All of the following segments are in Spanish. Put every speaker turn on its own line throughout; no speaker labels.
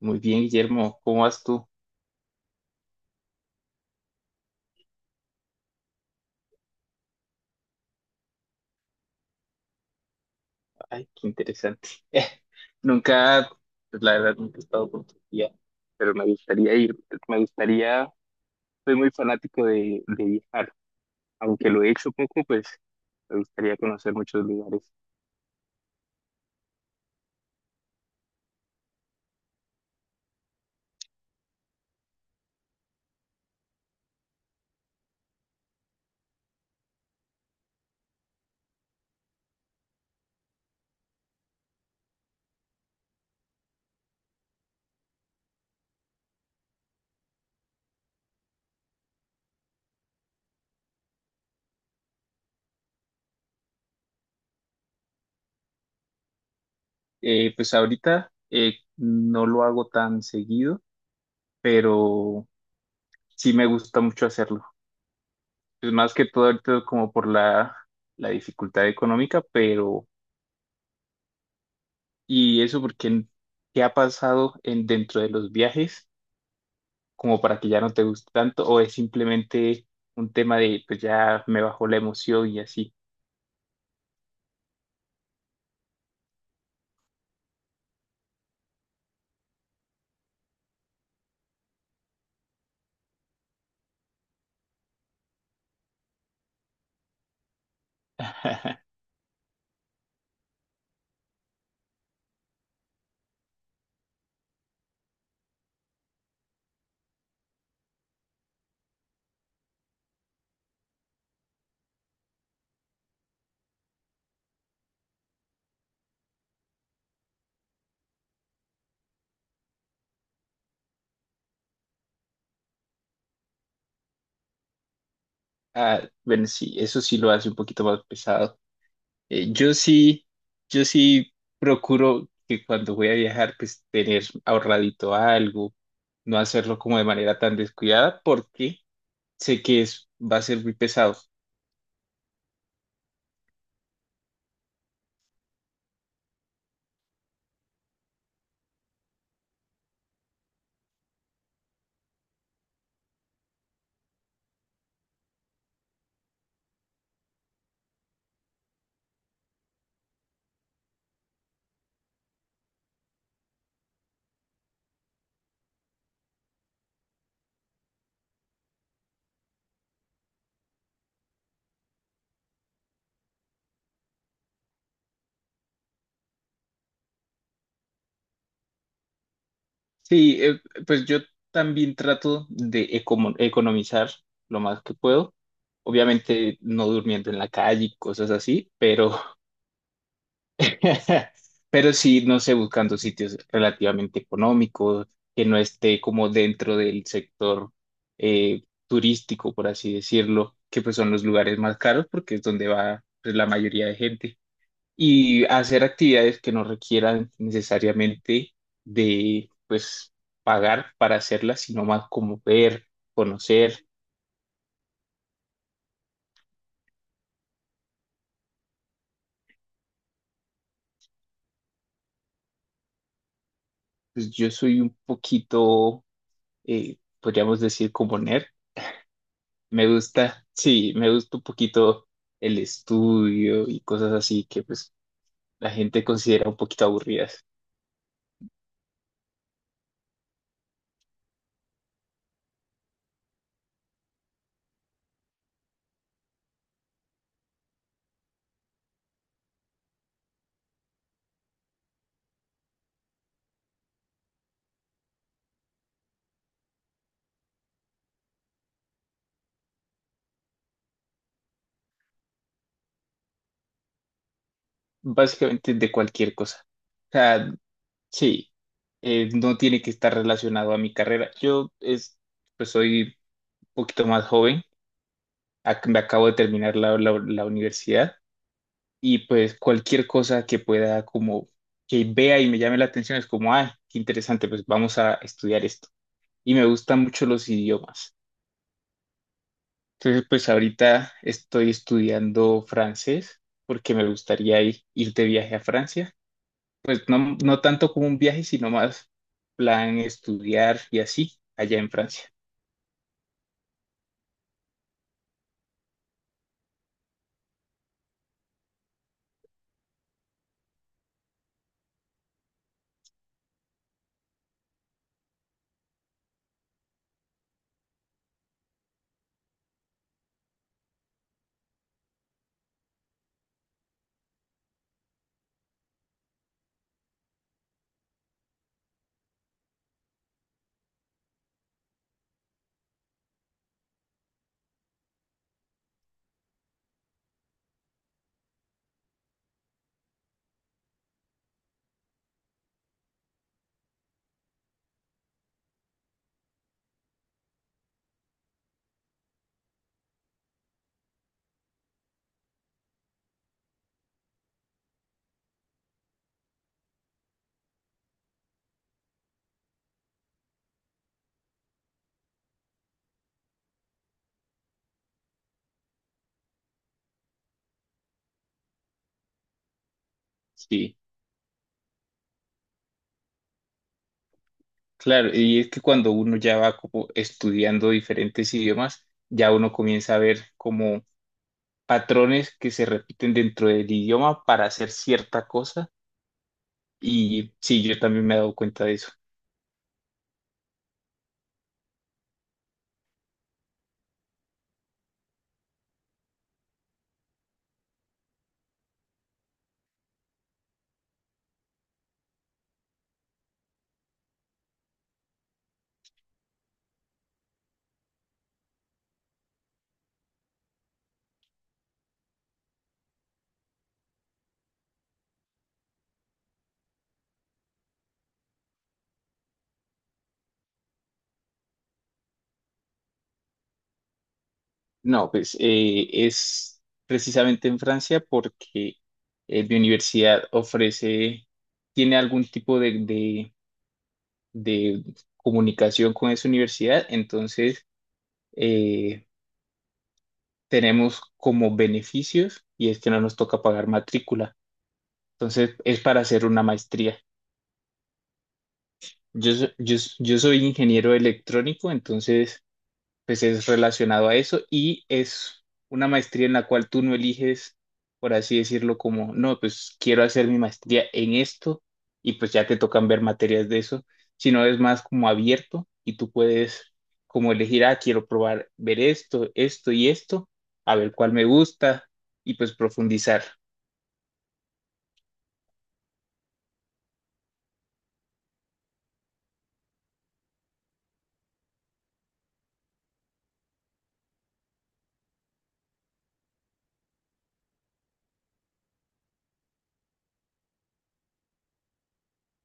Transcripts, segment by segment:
Muy bien, Guillermo, ¿cómo vas tú? Ay, qué interesante. nunca, pues la verdad, nunca he estado por Turquía, pero me gustaría ir. Me gustaría, soy muy fanático de viajar, aunque lo he hecho poco, pues me gustaría conocer muchos lugares. Pues ahorita no lo hago tan seguido, pero sí me gusta mucho hacerlo. Pues más que todo ahorita como por la dificultad económica, pero y eso porque, ¿qué ha pasado en, dentro de los viajes, como para que ya no te guste tanto, o es simplemente un tema de pues ya me bajó la emoción y así? Ah, bueno, sí, eso sí lo hace un poquito más pesado. Eh, yo sí, yo sí procuro que cuando voy a viajar, pues tener ahorradito algo, no hacerlo como de manera tan descuidada, porque sé que es, va a ser muy pesado. Sí, pues yo también trato de economizar lo más que puedo. Obviamente no durmiendo en la calle y cosas así, pero pero sí, no sé, buscando sitios relativamente económicos, que no esté como dentro del sector turístico, por así decirlo, que pues son los lugares más caros porque es donde va, pues, la mayoría de gente, y hacer actividades que no requieran necesariamente de, pues, pagar para hacerlas, sino más como ver, conocer. Pues yo soy un poquito, podríamos decir, como nerd. Me gusta, sí, me gusta un poquito el estudio y cosas así que, pues, la gente considera un poquito aburridas. Básicamente de cualquier cosa. O sea, sí, no tiene que estar relacionado a mi carrera. Yo es, pues soy poquito más joven. Me acabo de terminar la universidad, y pues cualquier cosa que pueda como que vea y me llame la atención es como, ah, qué interesante, pues vamos a estudiar esto. Y me gustan mucho los idiomas. Entonces, pues ahorita estoy estudiando francés, porque me gustaría ir de viaje a Francia. Pues no, no tanto como un viaje, sino más plan estudiar y así allá en Francia. Sí. Claro, y es que cuando uno ya va como estudiando diferentes idiomas, ya uno comienza a ver como patrones que se repiten dentro del idioma para hacer cierta cosa. Y sí, yo también me he dado cuenta de eso. No, pues es precisamente en Francia porque mi universidad ofrece, tiene algún tipo de comunicación con esa universidad, entonces eh, tenemos como beneficios y es que no nos toca pagar matrícula. Entonces, es para hacer una maestría. Yo, so- yo, s- yo soy ingeniero electrónico, entonces pues es relacionado a eso, y es una maestría en la cual tú no eliges, por así decirlo, como, no, pues quiero hacer mi maestría en esto y pues ya te tocan ver materias de eso, sino es más como abierto y tú puedes como elegir, ah, quiero probar ver esto, esto y esto, a ver cuál me gusta y pues profundizar.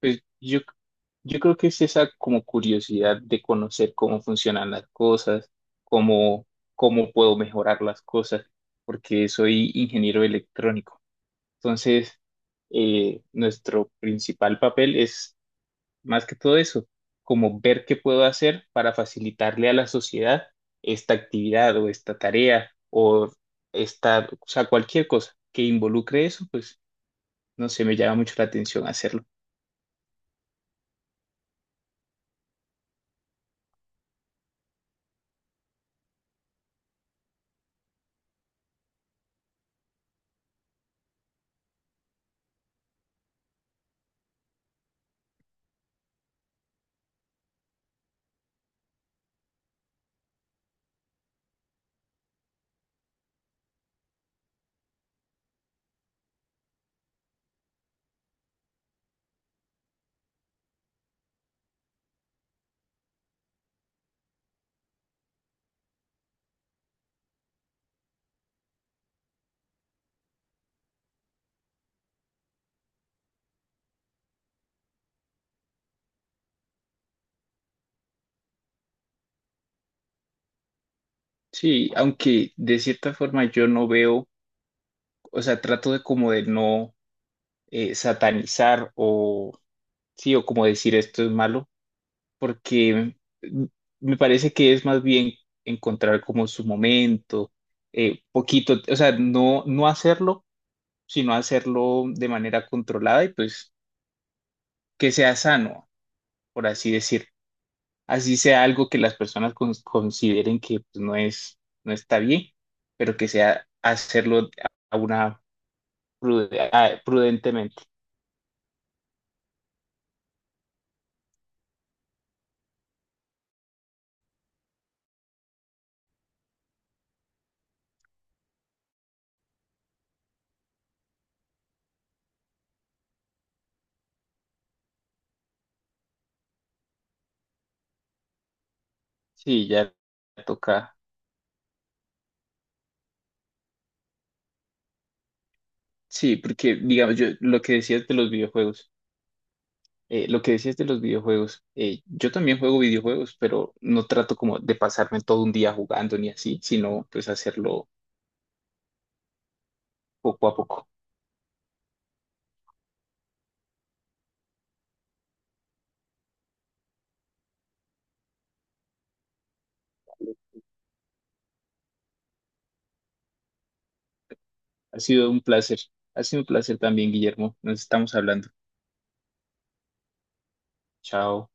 Pues yo creo que es esa como curiosidad de conocer cómo funcionan las cosas, cómo, cómo puedo mejorar las cosas, porque soy ingeniero electrónico. Entonces, nuestro principal papel es más que todo eso, como ver qué puedo hacer para facilitarle a la sociedad esta actividad, o esta tarea, o esta, o sea, cualquier cosa que involucre eso, pues no sé, me llama mucho la atención hacerlo. Sí, aunque de cierta forma yo no veo, o sea, trato de como de no satanizar, o sí, o como decir esto es malo, porque mm, me parece que es más bien encontrar como su momento, poquito, o sea, no, no hacerlo, sino hacerlo de manera controlada y pues que sea sano, por así decir. Así sea algo que las personas consideren que pues, no es, no está bien, pero que sea hacerlo a una prudentemente. Sí, ya toca. Sí, porque digamos, yo lo que decías de los videojuegos, lo que decías de los videojuegos, yo también juego videojuegos, pero no trato como de pasarme todo un día jugando ni así, sino pues hacerlo poco a poco. Ha sido un placer, ha sido un placer también, Guillermo. Nos estamos hablando. Chao.